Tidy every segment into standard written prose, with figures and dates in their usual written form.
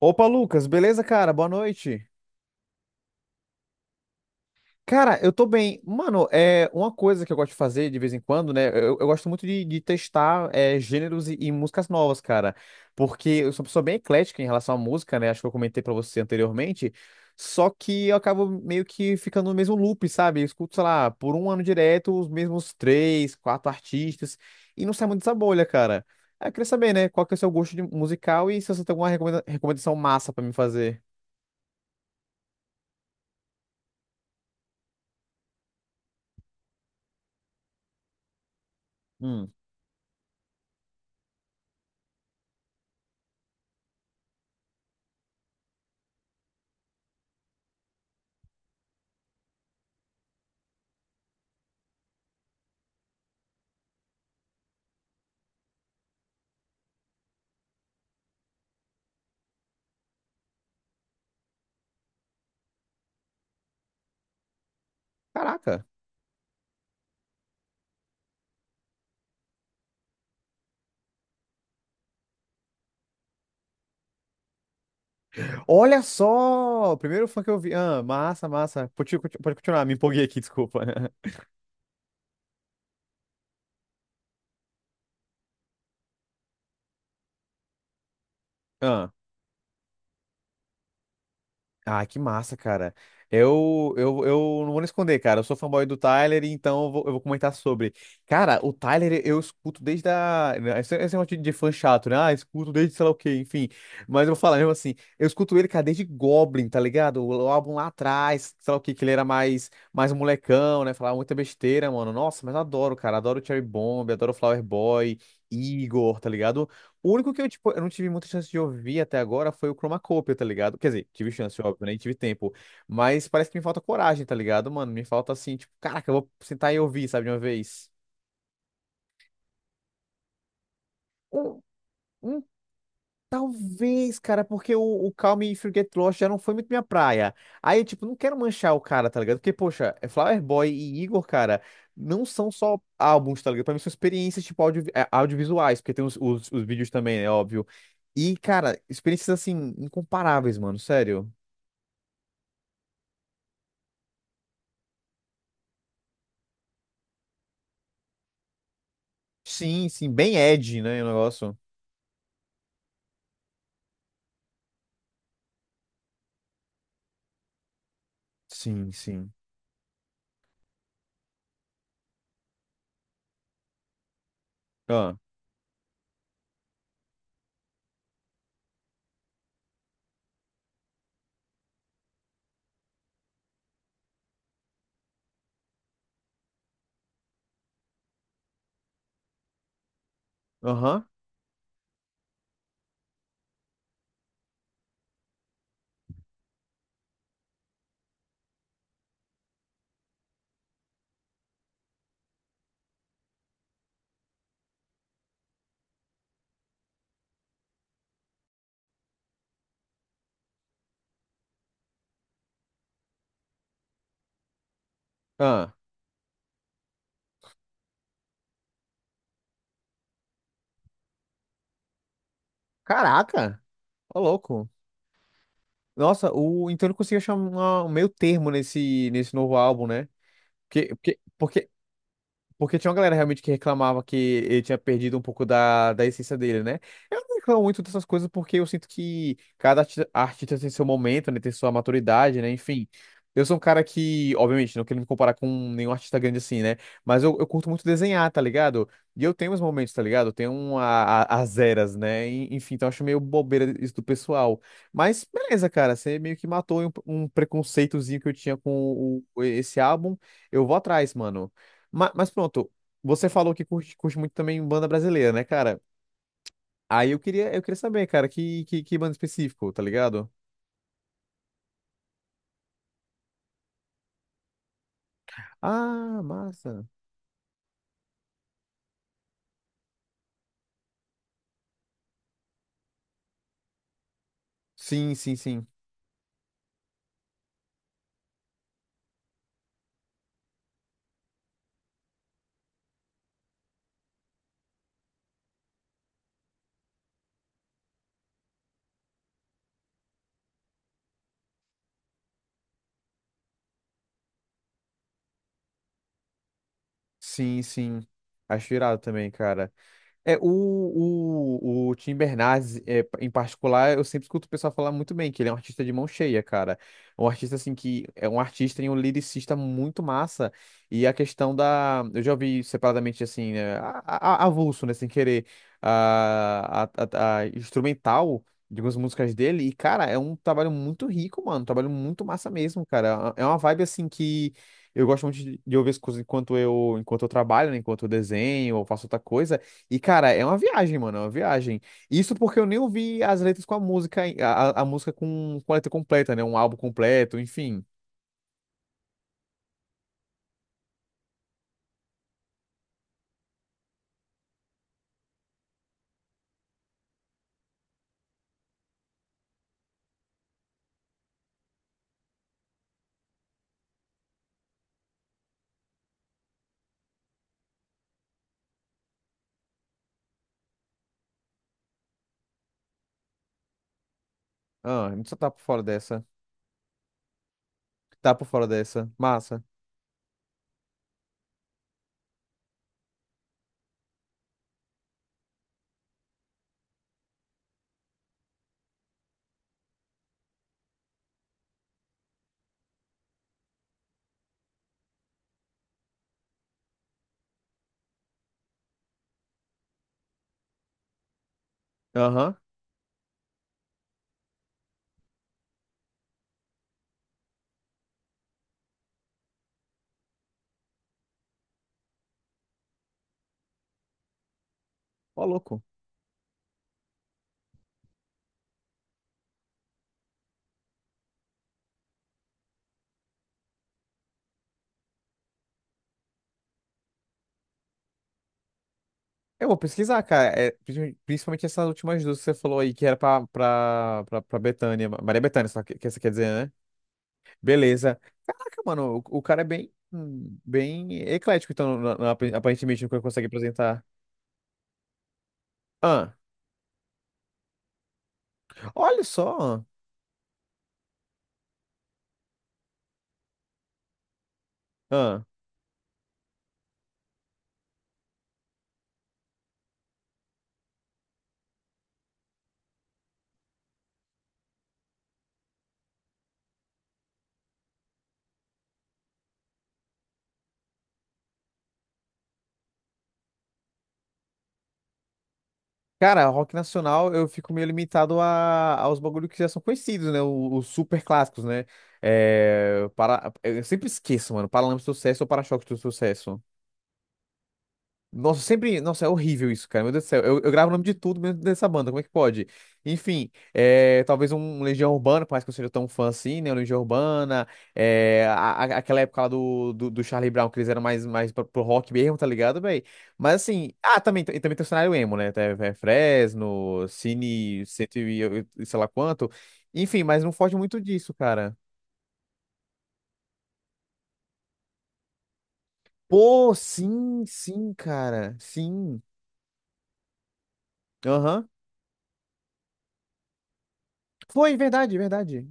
Opa, Lucas, beleza, cara? Boa noite. Cara, eu tô bem. Mano, é uma coisa que eu gosto de fazer de vez em quando, né? Eu gosto muito de testar gêneros e músicas novas, cara. Porque eu sou uma pessoa bem eclética em relação à música, né? Acho que eu comentei pra você anteriormente. Só que eu acabo meio que ficando no mesmo loop, sabe? Eu escuto, sei lá, por um ano direto, os mesmos três, quatro artistas, e não sai muito dessa bolha, cara. Aí eu queria saber, né? Qual que é o seu gosto musical e se você tem alguma recomendação massa pra me fazer. Hum. Caraca. Olha só! Primeiro fã que eu vi. Ah, massa, massa. Pode continuar, me empolguei aqui, desculpa. Ah. Ah, que massa, cara. Eu não vou nem esconder, cara. Eu sou fanboy do Tyler, então eu vou comentar sobre. Cara, o Tyler eu escuto desde a. né, esse negócio de fã chato, né? Ah, escuto desde sei lá o quê, enfim. Mas eu vou falar mesmo assim. Eu escuto ele, cara, desde Goblin, tá ligado? O álbum lá atrás, sei lá o quê, que ele era mais um molecão, né? Falava muita besteira, mano. Nossa, mas eu adoro, cara. Adoro Cherry Bomb, adoro Flower Boy, Igor, tá ligado? O único que tipo, eu não tive muita chance de ouvir até agora foi o Chromacopia, tá ligado? Quer dizer, tive chance, óbvio, né? E tive tempo. Mas parece que me falta coragem, tá ligado, mano? Me falta assim, tipo, caraca, eu vou sentar e ouvir, sabe, de uma vez. Um- um Talvez, cara, porque o Call Me If You Get Lost já não foi muito minha praia. Aí, tipo, não quero manchar o cara, tá ligado? Porque, poxa, é Flower Boy e Igor, cara, não são só álbuns, tá ligado? Pra mim são experiências, tipo, audiovisuais, porque tem os vídeos também, é óbvio. E, cara, experiências, assim, incomparáveis, mano, sério. Sim, sim, bem Ed, né, o negócio. Sim, sim. Ah, aham, ah. Caraca, ô louco. Nossa, então ele conseguiu achar um meio termo nesse novo álbum, né? Porque, porque, porque porque tinha uma galera realmente que reclamava que ele tinha perdido um pouco da essência dele, né? Eu não reclamo muito dessas coisas porque eu sinto que cada artista tem seu momento, né? Tem sua maturidade, né? Enfim. Eu sou um cara que, obviamente, não quero me comparar com nenhum artista grande assim, né? Mas eu curto muito desenhar, tá ligado? E eu tenho meus momentos, tá ligado? Eu tenho as eras, né? Enfim, então eu acho meio bobeira isso do pessoal. Mas beleza, cara, você meio que matou um preconceitozinho que eu tinha com esse álbum. Eu vou atrás, mano. Mas, pronto, você falou que curte muito também banda brasileira, né, cara? Aí eu queria saber, cara, que banda específico, tá ligado? Ah, massa. Sim, sim, sim. Sim, sim. Acho irado também, cara. É, o Tim Bernardes, em particular, eu sempre escuto o pessoal falar muito bem, que ele é um artista de mão cheia, cara. Um artista, assim, que é um artista e um lyricista muito massa. E a questão da. Eu já ouvi separadamente, assim, né, avulso, né, sem querer, a, a, a instrumental de algumas músicas dele. E, cara, é um trabalho muito rico, mano. Um trabalho muito massa mesmo, cara. É uma vibe, assim, que. Eu gosto muito de ouvir as coisas enquanto eu trabalho, né, enquanto eu desenho ou faço outra coisa. E, cara, é uma viagem, mano, é uma viagem. Isso porque eu nem ouvi as letras com a música, a música com a letra completa, né? Um álbum completo, enfim. Ah, a gente só tá por fora dessa. Tá por fora dessa. Massa. Aham. Ó, louco. Eu vou pesquisar, cara. É, principalmente essas últimas duas que você falou aí, que era pra Bethânia. Maria Bethânia, só que você quer dizer, né? Beleza. Caraca, mano, o cara é bem, bem eclético, então, aparentemente, no que ele consegue apresentar. Ah, olha só. Cara, rock nacional eu fico meio limitado aos bagulhos que já são conhecidos, né? Os super clássicos, né? É, eu sempre esqueço, mano. Paralamas do Sucesso ou Para-choques do Sucesso? Nossa, sempre. Nossa, é horrível isso, cara. Meu Deus do céu. Eu gravo o nome de tudo mesmo dessa banda. Como é que pode? Enfim, talvez um Legião Urbana, por mais que eu seja tão fã assim, né? O Legião Urbana. É, aquela época lá do Charlie Brown, que eles eram mais pro rock mesmo, tá ligado, velho? Mas assim. Ah, também, e também tem o cenário emo, né? Tem, Fresno, Cine, cento e sei lá quanto. Enfim, mas não foge muito disso, cara. Pô, sim, sim, cara. Sim. Aham. Foi, verdade, verdade.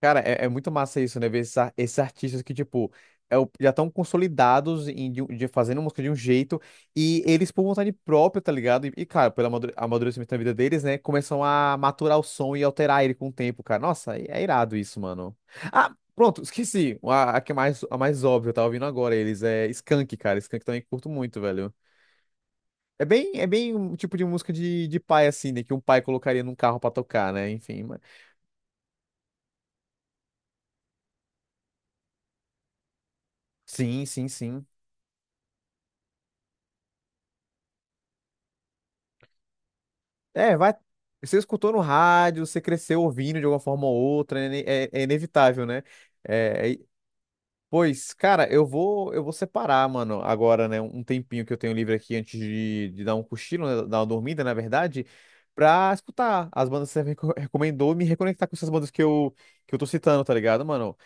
Cara, é muito massa isso, né? Ver esses artistas que, tipo, já estão consolidados de fazendo música de um jeito e eles, por vontade própria, tá ligado? E, cara, pelo amadurecimento da vida deles, né? Começam a maturar o som e alterar ele com o tempo, cara. Nossa, é irado isso, mano. Ah, pronto, esqueci. A que é a mais óbvia, eu tava ouvindo agora eles. É Skank, cara. Skank também curto muito, velho. É bem um tipo de música de pai, assim, né? Que um pai colocaria num carro pra tocar, né? Enfim, mas... Sim, sim, sim. É, vai. Você escutou no rádio, você cresceu ouvindo de alguma forma ou outra, é inevitável, né? É, pois, cara, eu vou separar, mano, agora, né, um tempinho que eu tenho livre aqui antes de dar um cochilo, né, dar uma dormida, na verdade, pra escutar as bandas que você recomendou, e me reconectar com essas bandas que eu tô citando, tá ligado, mano?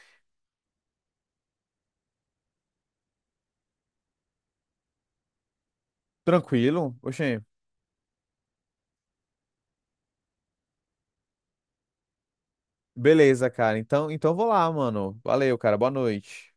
Tranquilo? Oxê. Beleza, cara. Então eu vou lá, mano. Valeu, cara. Boa noite.